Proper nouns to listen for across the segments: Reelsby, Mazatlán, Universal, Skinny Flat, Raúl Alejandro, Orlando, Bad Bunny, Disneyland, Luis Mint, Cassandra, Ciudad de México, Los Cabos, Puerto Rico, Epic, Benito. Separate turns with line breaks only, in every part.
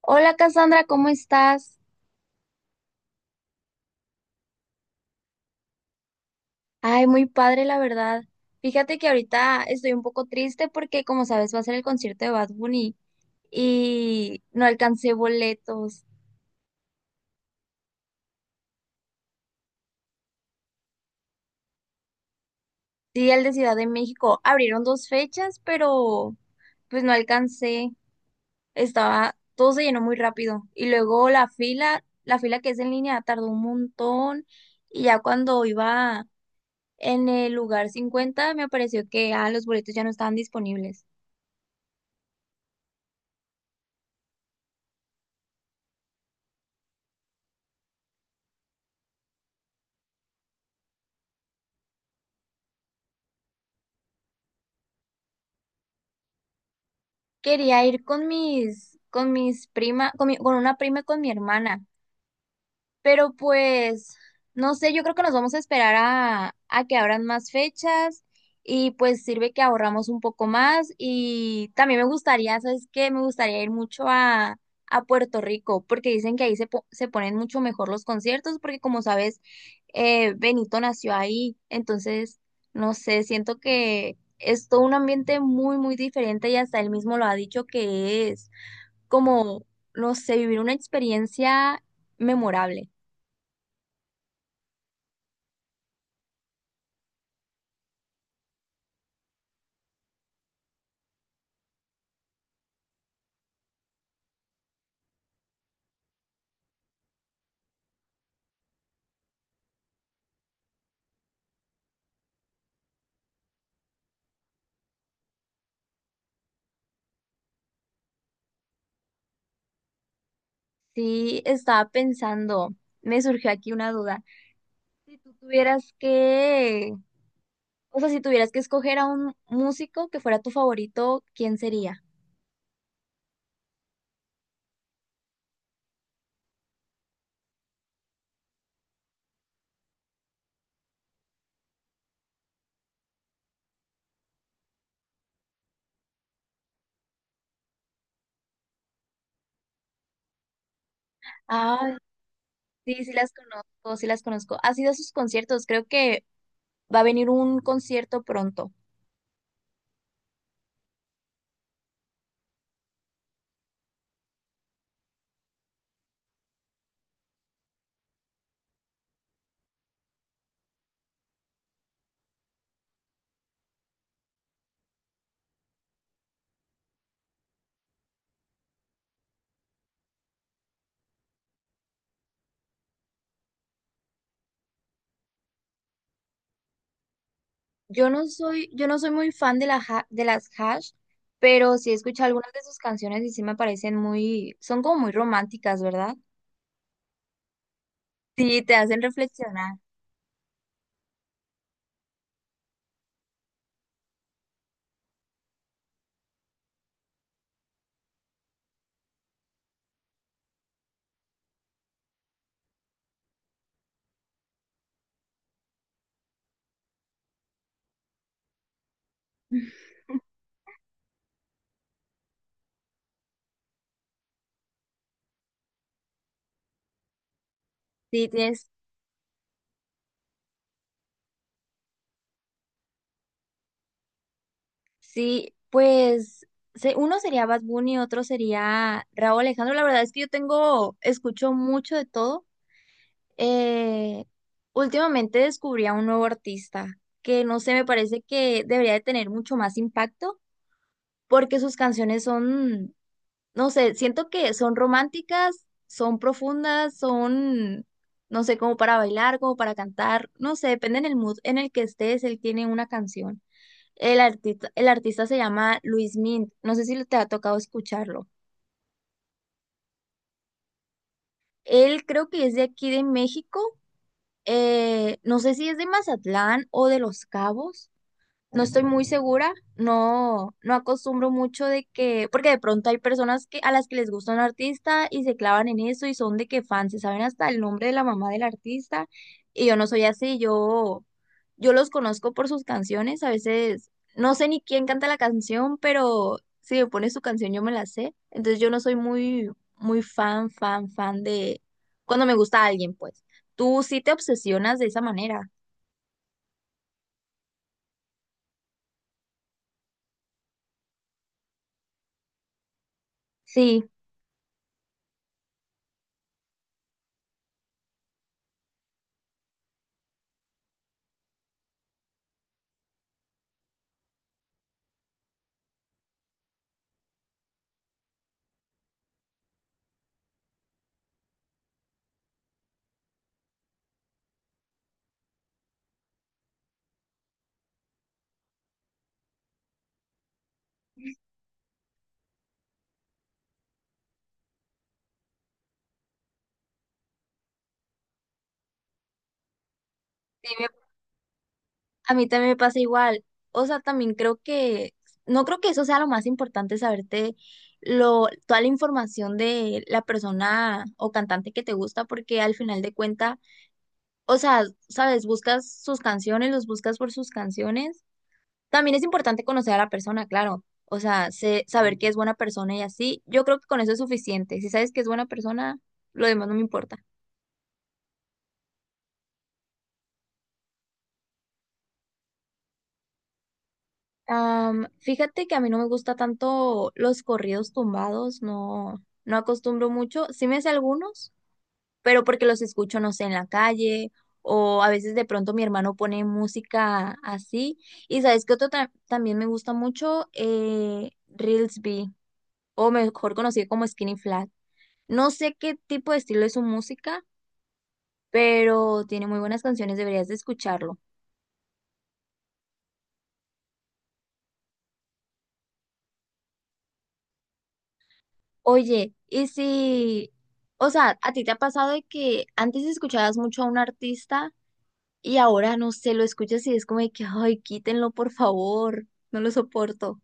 Hola Cassandra, ¿cómo estás? Ay, muy padre, la verdad. Fíjate que ahorita estoy un poco triste porque, como sabes, va a ser el concierto de Bad Bunny y no alcancé boletos. Sí, el de Ciudad de México. Abrieron dos fechas, pero pues no alcancé. Todo se llenó muy rápido. Y luego la fila, que es en línea, tardó un montón. Y ya cuando iba en el lugar 50 me pareció que los boletos ya no estaban disponibles. Quería ir con una prima y con mi hermana. Pero pues, no sé, yo creo que nos vamos a esperar a que abran más fechas y pues sirve que ahorramos un poco más y también me gustaría, ¿sabes qué? Me gustaría ir mucho a Puerto Rico porque dicen que ahí se ponen mucho mejor los conciertos porque, como sabes, Benito nació ahí. Entonces, no sé, siento que es todo un ambiente muy, muy diferente, y hasta él mismo lo ha dicho, que es como, no sé, vivir una experiencia memorable. Sí, estaba pensando, me surgió aquí una duda. Si tú tuvieras que, o sea, si tuvieras que escoger a un músico que fuera tu favorito, ¿quién sería? Ah, sí, sí las conozco, sí las conozco. Has ido a sus conciertos, creo que va a venir un concierto pronto. Yo no soy muy fan de las Hash, pero sí he escuchado algunas de sus canciones y sí me parecen son como muy románticas, ¿verdad? Sí, te hacen reflexionar. Sí, tienes. Sí, pues uno sería Bad Bunny, otro sería Raúl Alejandro. La verdad es que escucho mucho de todo. Eh, Últimamente descubrí a un nuevo artista que, no sé, me parece que debería de tener mucho más impacto porque sus canciones son, no sé, siento que son románticas, son profundas, son, no sé, como para bailar, como para cantar, no sé, depende del mood en el que estés, él tiene una canción. El artista se llama Luis Mint. No sé si te ha tocado escucharlo. Él creo que es de aquí, de México. No sé si es de Mazatlán o de Los Cabos. No estoy muy segura. No, no acostumbro mucho de que, porque de pronto hay personas, que, a las que les gusta un artista y se clavan en eso y son de que fans, se saben hasta el nombre de la mamá del artista. Y yo no soy así. Yo los conozco por sus canciones. A veces no sé ni quién canta la canción, pero si me pone su canción yo me la sé. Entonces yo no soy muy, muy fan, fan, fan de cuando me gusta alguien, pues. Tú sí te obsesionas de esa manera. Sí. Sí, a mí también me pasa igual. O sea, también no creo que eso sea lo más importante, saberte toda la información de la persona o cantante que te gusta, porque al final de cuenta, o sea, sabes, buscas sus canciones, los buscas por sus canciones. También es importante conocer a la persona, claro. O sea, saber que es buena persona y así. Yo creo que con eso es suficiente. Si sabes que es buena persona, lo demás no me importa. Fíjate que a mí no me gusta tanto los corridos tumbados. No, no acostumbro mucho. Sí me sé algunos, pero porque los escucho, no sé, en la calle, o a veces de pronto mi hermano pone música así. Y sabes que otro también me gusta mucho, Reelsby, o mejor conocido como Skinny Flat. No sé qué tipo de estilo es su música, pero tiene muy buenas canciones, deberías de escucharlo. Oye, y si, o sea, ¿a ti te ha pasado de que antes escuchabas mucho a un artista y ahora, no sé, lo escuchas y es como de que, ay, quítenlo, por favor, no lo soporto?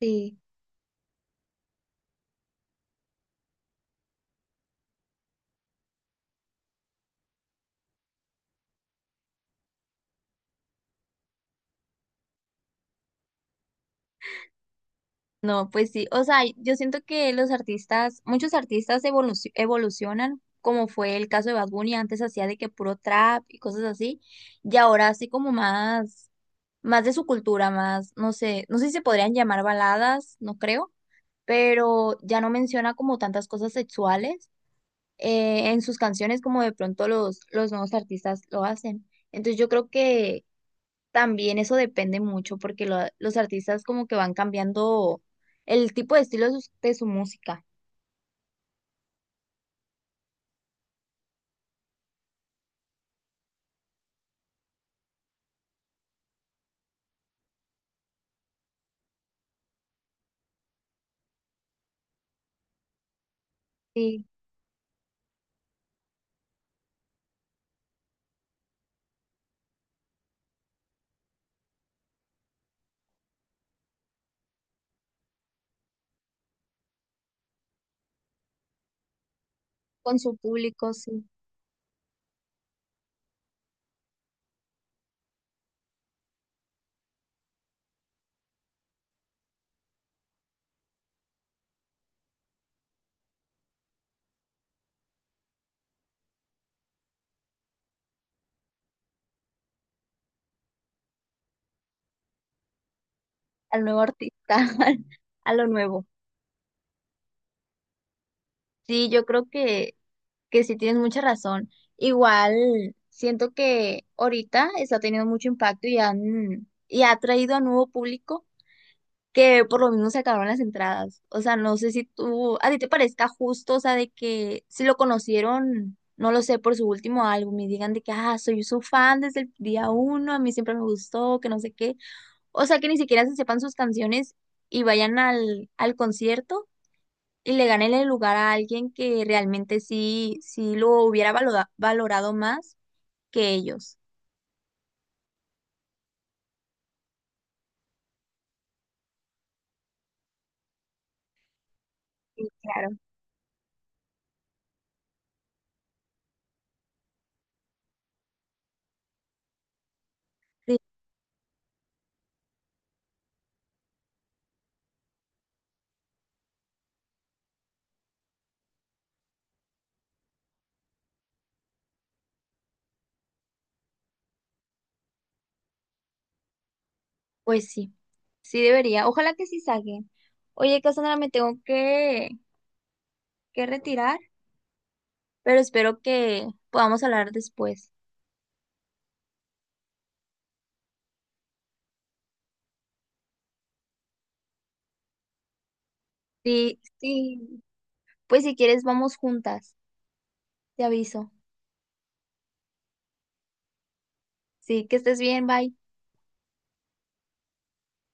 Sí. No, pues sí, o sea, yo siento que los artistas, muchos artistas evolucionan, como fue el caso de Bad Bunny. Antes hacía de que puro trap y cosas así, y ahora así como más, de su cultura, más, no sé, no sé si se podrían llamar baladas, no creo, pero ya no menciona como tantas cosas sexuales en sus canciones, como de pronto los, nuevos artistas lo hacen. Entonces yo creo que también eso depende mucho, porque los artistas como que van cambiando el tipo de estilo de de su música. Sí, con su público. Sí, al nuevo artista. A lo nuevo. Sí, yo creo que sí tienes mucha razón. Igual siento que ahorita está teniendo mucho impacto, y y ha traído a nuevo público que por lo mismo se acabaron las entradas. O sea, no sé si a ti te parezca justo, o sea, de que si lo conocieron, no lo sé, por su último álbum y digan de que, ah, soy su fan desde el día uno, a mí siempre me gustó, que no sé qué. O sea, que ni siquiera se sepan sus canciones y vayan al concierto y le ganen el lugar a alguien que realmente sí, sí lo hubiera valorado más que ellos. Sí, claro. Sí, pues sí, sí debería. Ojalá que sí saquen. Oye, Cassandra, me tengo que retirar, pero espero que podamos hablar después. Sí, sí, pues si quieres vamos juntas, te aviso. Sí, que estés bien, bye.